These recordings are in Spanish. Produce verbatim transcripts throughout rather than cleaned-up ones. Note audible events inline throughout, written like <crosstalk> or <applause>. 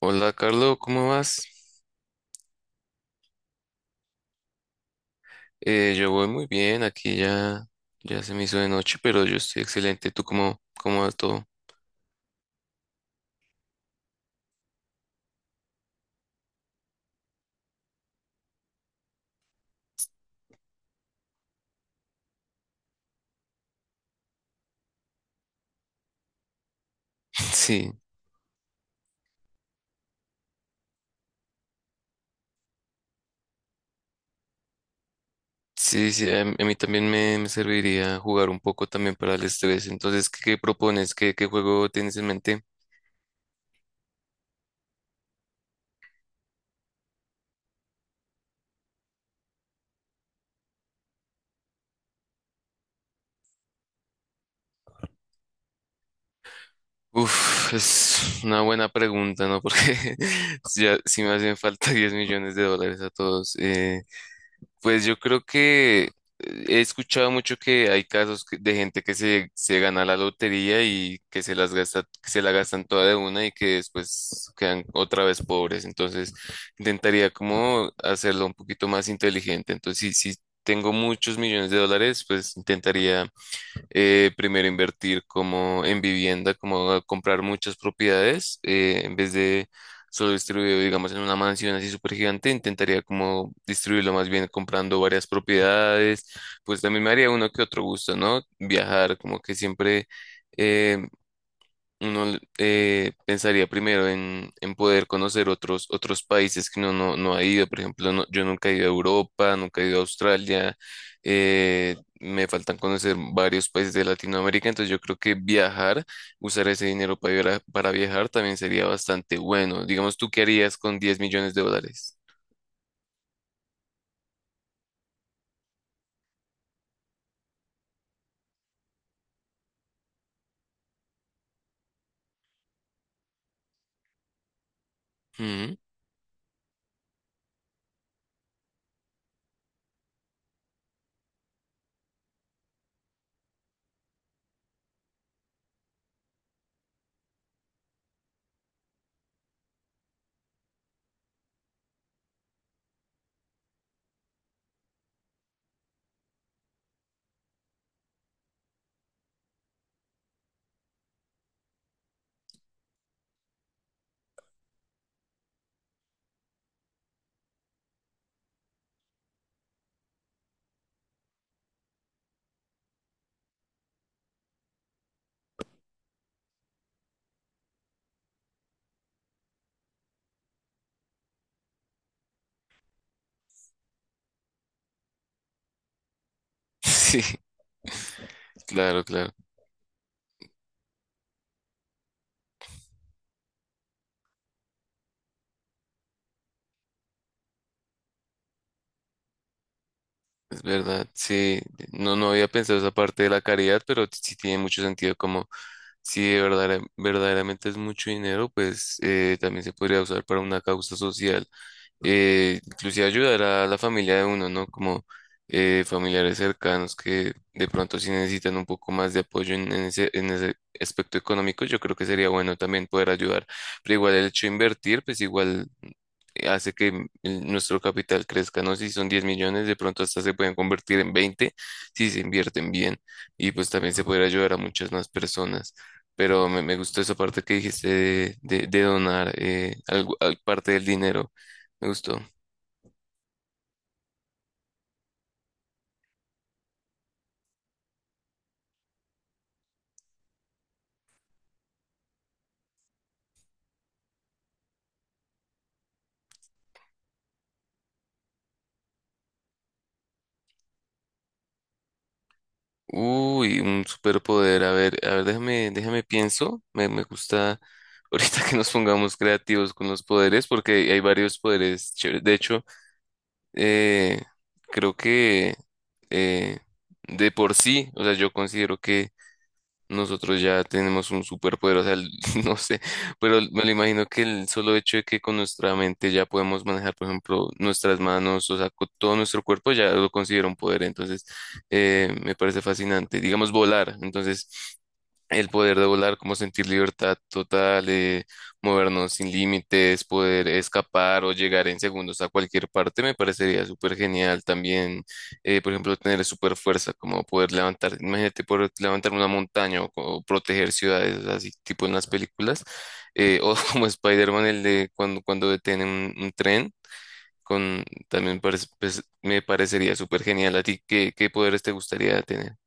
Hola, Carlos, ¿cómo vas? Eh, yo voy muy bien, aquí ya, ya se me hizo de noche, pero yo estoy excelente. ¿Tú cómo, cómo va todo? <laughs> Sí, sí, sí, a, a mí también me, me serviría jugar un poco también para el estrés. Entonces, ¿qué, qué propones? ¿Qué, qué juego tienes en mente? Uf, es una buena pregunta, ¿no? Porque <laughs> ya, si me hacen falta <laughs> diez millones de dólares a todos. Eh, Pues yo creo que eh, he escuchado mucho que hay casos que- de gente que se, se gana la lotería y que se las gasta, que se la gastan toda de una y que después quedan otra vez pobres. Entonces, intentaría como hacerlo un poquito más inteligente. Entonces, si, si tengo muchos millones de dólares, pues intentaría eh, primero invertir como en vivienda, como comprar muchas propiedades, eh, en vez de solo distribuir, digamos, en una mansión así súper gigante, intentaría como distribuirlo más bien comprando varias propiedades, pues también me haría uno que otro gusto, ¿no? Viajar, como que siempre... eh, uno eh, pensaría primero en, en poder conocer otros, otros países que uno no, no ha ido. Por ejemplo, no- yo nunca he ido a Europa, nunca he ido a Australia. eh, me faltan conocer varios países de Latinoamérica. Entonces yo creo que viajar, usar ese dinero para, viara- para viajar también sería bastante bueno. Digamos, ¿tú qué harías con diez millones de dólares? Ujú. <laughs> Sí, claro, claro. Es verdad, sí, no, no había pensado esa parte de la caridad, pero sí tiene mucho sentido como si de verdadera- verdaderamente es mucho dinero, pues eh, también se podría usar para una causa social, eh, inclusive ayudar a la familia de uno, ¿no? Como eh, familiares cercanos que de pronto sí necesitan un poco más de apoyo en, en ese, en ese aspecto económico, yo creo que sería bueno también poder ayudar, pero igual el hecho de invertir, pues igual hace que m- el- nuestro capital crezca, ¿no? Si son diez millones, de pronto hasta se pueden convertir en veinte si se invierten bien y pues también se puede ayudar a muchas más personas. Pero me, me gustó esa parte que dijiste de, de- de donar eh, algo- al- parte del dinero. Me gustó. Uy, un superpoder. A ver, a ver, déjame, déjame pienso. Me, me gusta ahorita <laughs> que nos pongamos creativos con los poderes porque hay varios poderes chéveres. De hecho, Eh, creo que eh, de por sí, o sea, yo considero que nosotros ya tenemos un superpoder, o sea, el- <laughs> no sé, pero me lo imagino que el solo hecho de que con nuestra mente ya podemos manejar, por ejemplo, nuestras manos, o sea, con todo nuestro cuerpo ya lo considero un poder, entonces eh, me parece fascinante, digamos volar, entonces el poder de volar, como sentir libertad total, eh, movernos sin límites, poder escapar o llegar en segundos a cualquier parte, me parecería súper genial. También, eh, por ejemplo, tener súper fuerza, como poder levantar, imagínate poder levantar una montaña o, co- proteger ciudades, o sea, así tipo en las películas. Eh, o <laughs> como Spider-Man, el de cuando, cuando detienen un, un tren, con, también parece- pues, me parecería súper genial. ¿A ti qué, qué poderes te gustaría tener?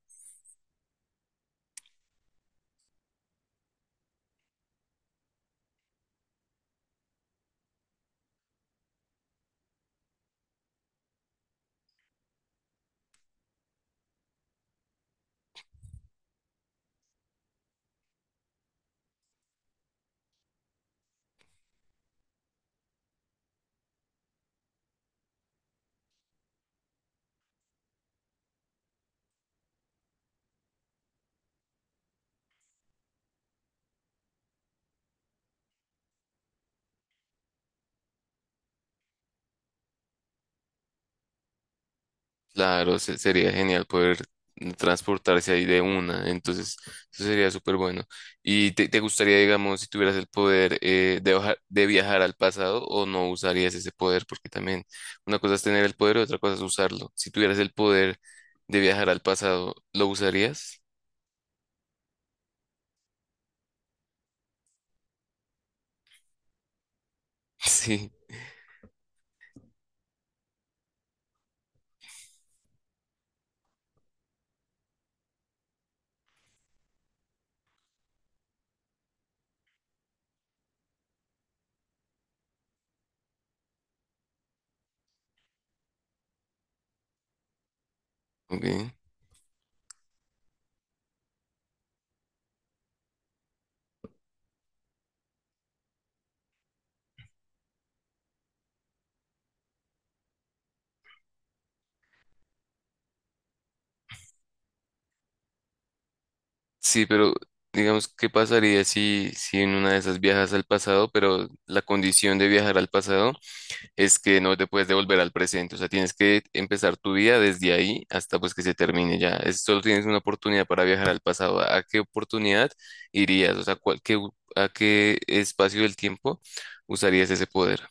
Claro, se- sería genial poder transportarse ahí de una, entonces eso sería súper bueno. ¿Y te, te gustaría, digamos, si tuvieras el poder eh, de, oja- de viajar al pasado o no usarías ese poder? Porque también una cosa es tener el poder y otra cosa es usarlo. Si tuvieras el poder de viajar al pasado, ¿lo usarías? <laughs> Sí, ok. Sí, pero digamos, ¿qué pasaría si, si en una de esas viajas al pasado, pero la condición de viajar al pasado... es que no te puedes devolver al presente, o sea, tienes que empezar tu vida desde ahí hasta pues que se termine ya. Es- solo tienes una oportunidad para viajar al pasado. ¿A qué oportunidad irías? O sea, ¿cuál- qué u- a qué espacio del tiempo usarías ese poder?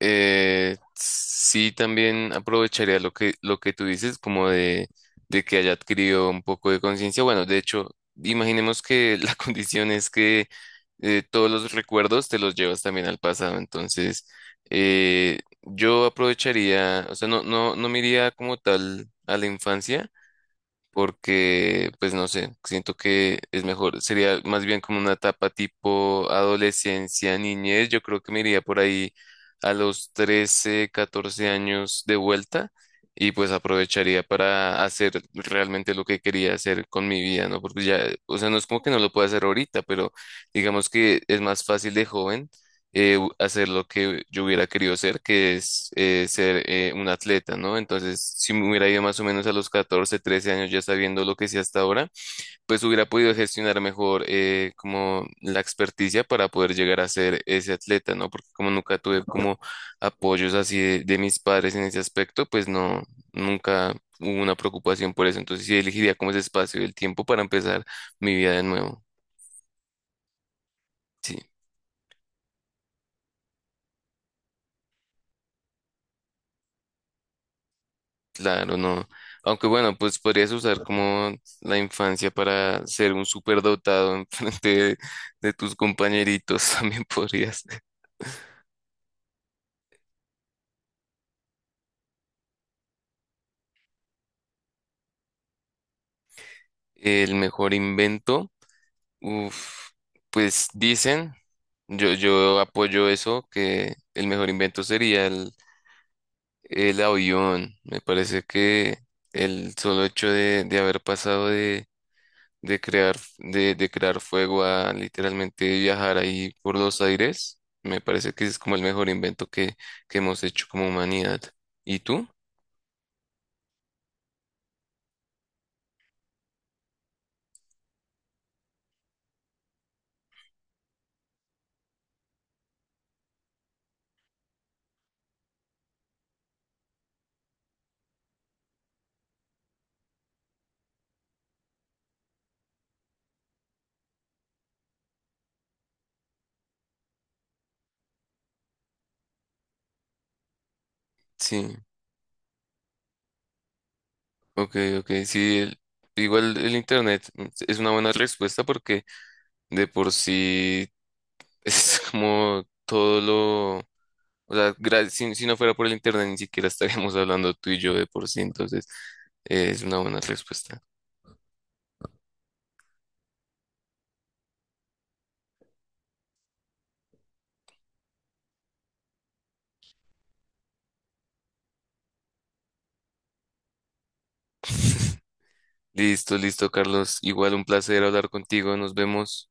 Eh, sí, también aprovecharía lo que, lo que tú dices, como de, de que haya adquirido un poco de conciencia. Bueno, de hecho, imaginemos que la <laughs> condición es que eh, todos los recuerdos te los llevas también al pasado. Entonces, eh, yo aprovecharía, o sea, no, no, no me iría como tal a la infancia porque, pues no sé, siento que es mejor, sería más bien como una etapa tipo adolescencia, niñez, yo creo que me iría por ahí a los trece, catorce años de vuelta y pues aprovecharía para hacer realmente lo que quería hacer con mi vida, ¿no? Porque ya, o sea, no es como que no lo pueda hacer ahorita, pero digamos que es más fácil de joven eh, u- hacer lo que yo hubiera querido hacer que es eh, ser eh, un atleta, ¿no? Entonces, si me hubiera ido más o menos a los catorce, trece años ya sabiendo lo que sé hasta ahora, pues hubiera podido gestionar mejor eh, como la experticia para poder llegar a ser ese atleta, ¿no? Porque como nunca tuve como apoyos así de, de mis padres en ese aspecto, pues no, nunca hubo una preocupación por eso. Entonces, sí elegiría como ese espacio y el tiempo para empezar mi vida de nuevo. Sí. Claro, no. Aunque bueno, pues podrías usar como la infancia para ser un superdotado en <laughs> frente de, de tus compañeritos, <laughs> también podrías. El mejor invento, uf, pues dicen, yo, yo apoyo eso, que el mejor invento sería el, el avión. Me parece que el solo hecho de, de haber pasado de de crear, de, de crear fuego a literalmente viajar ahí por los aires, me parece que es como el mejor invento que, que hemos hecho como humanidad. ¿Y tú? Sí, ok, ok, sí, el- igual el internet mm, es una buena respuesta porque de por sí es <laughs> como todo lo... O sea, gra- si, si no fuera por el internet ni siquiera estaríamos hablando tú y yo de por sí, entonces eh, es una buena respuesta. <laughs> Listo, listo, Carlos. Igual un placer hablar contigo. Nos vemos.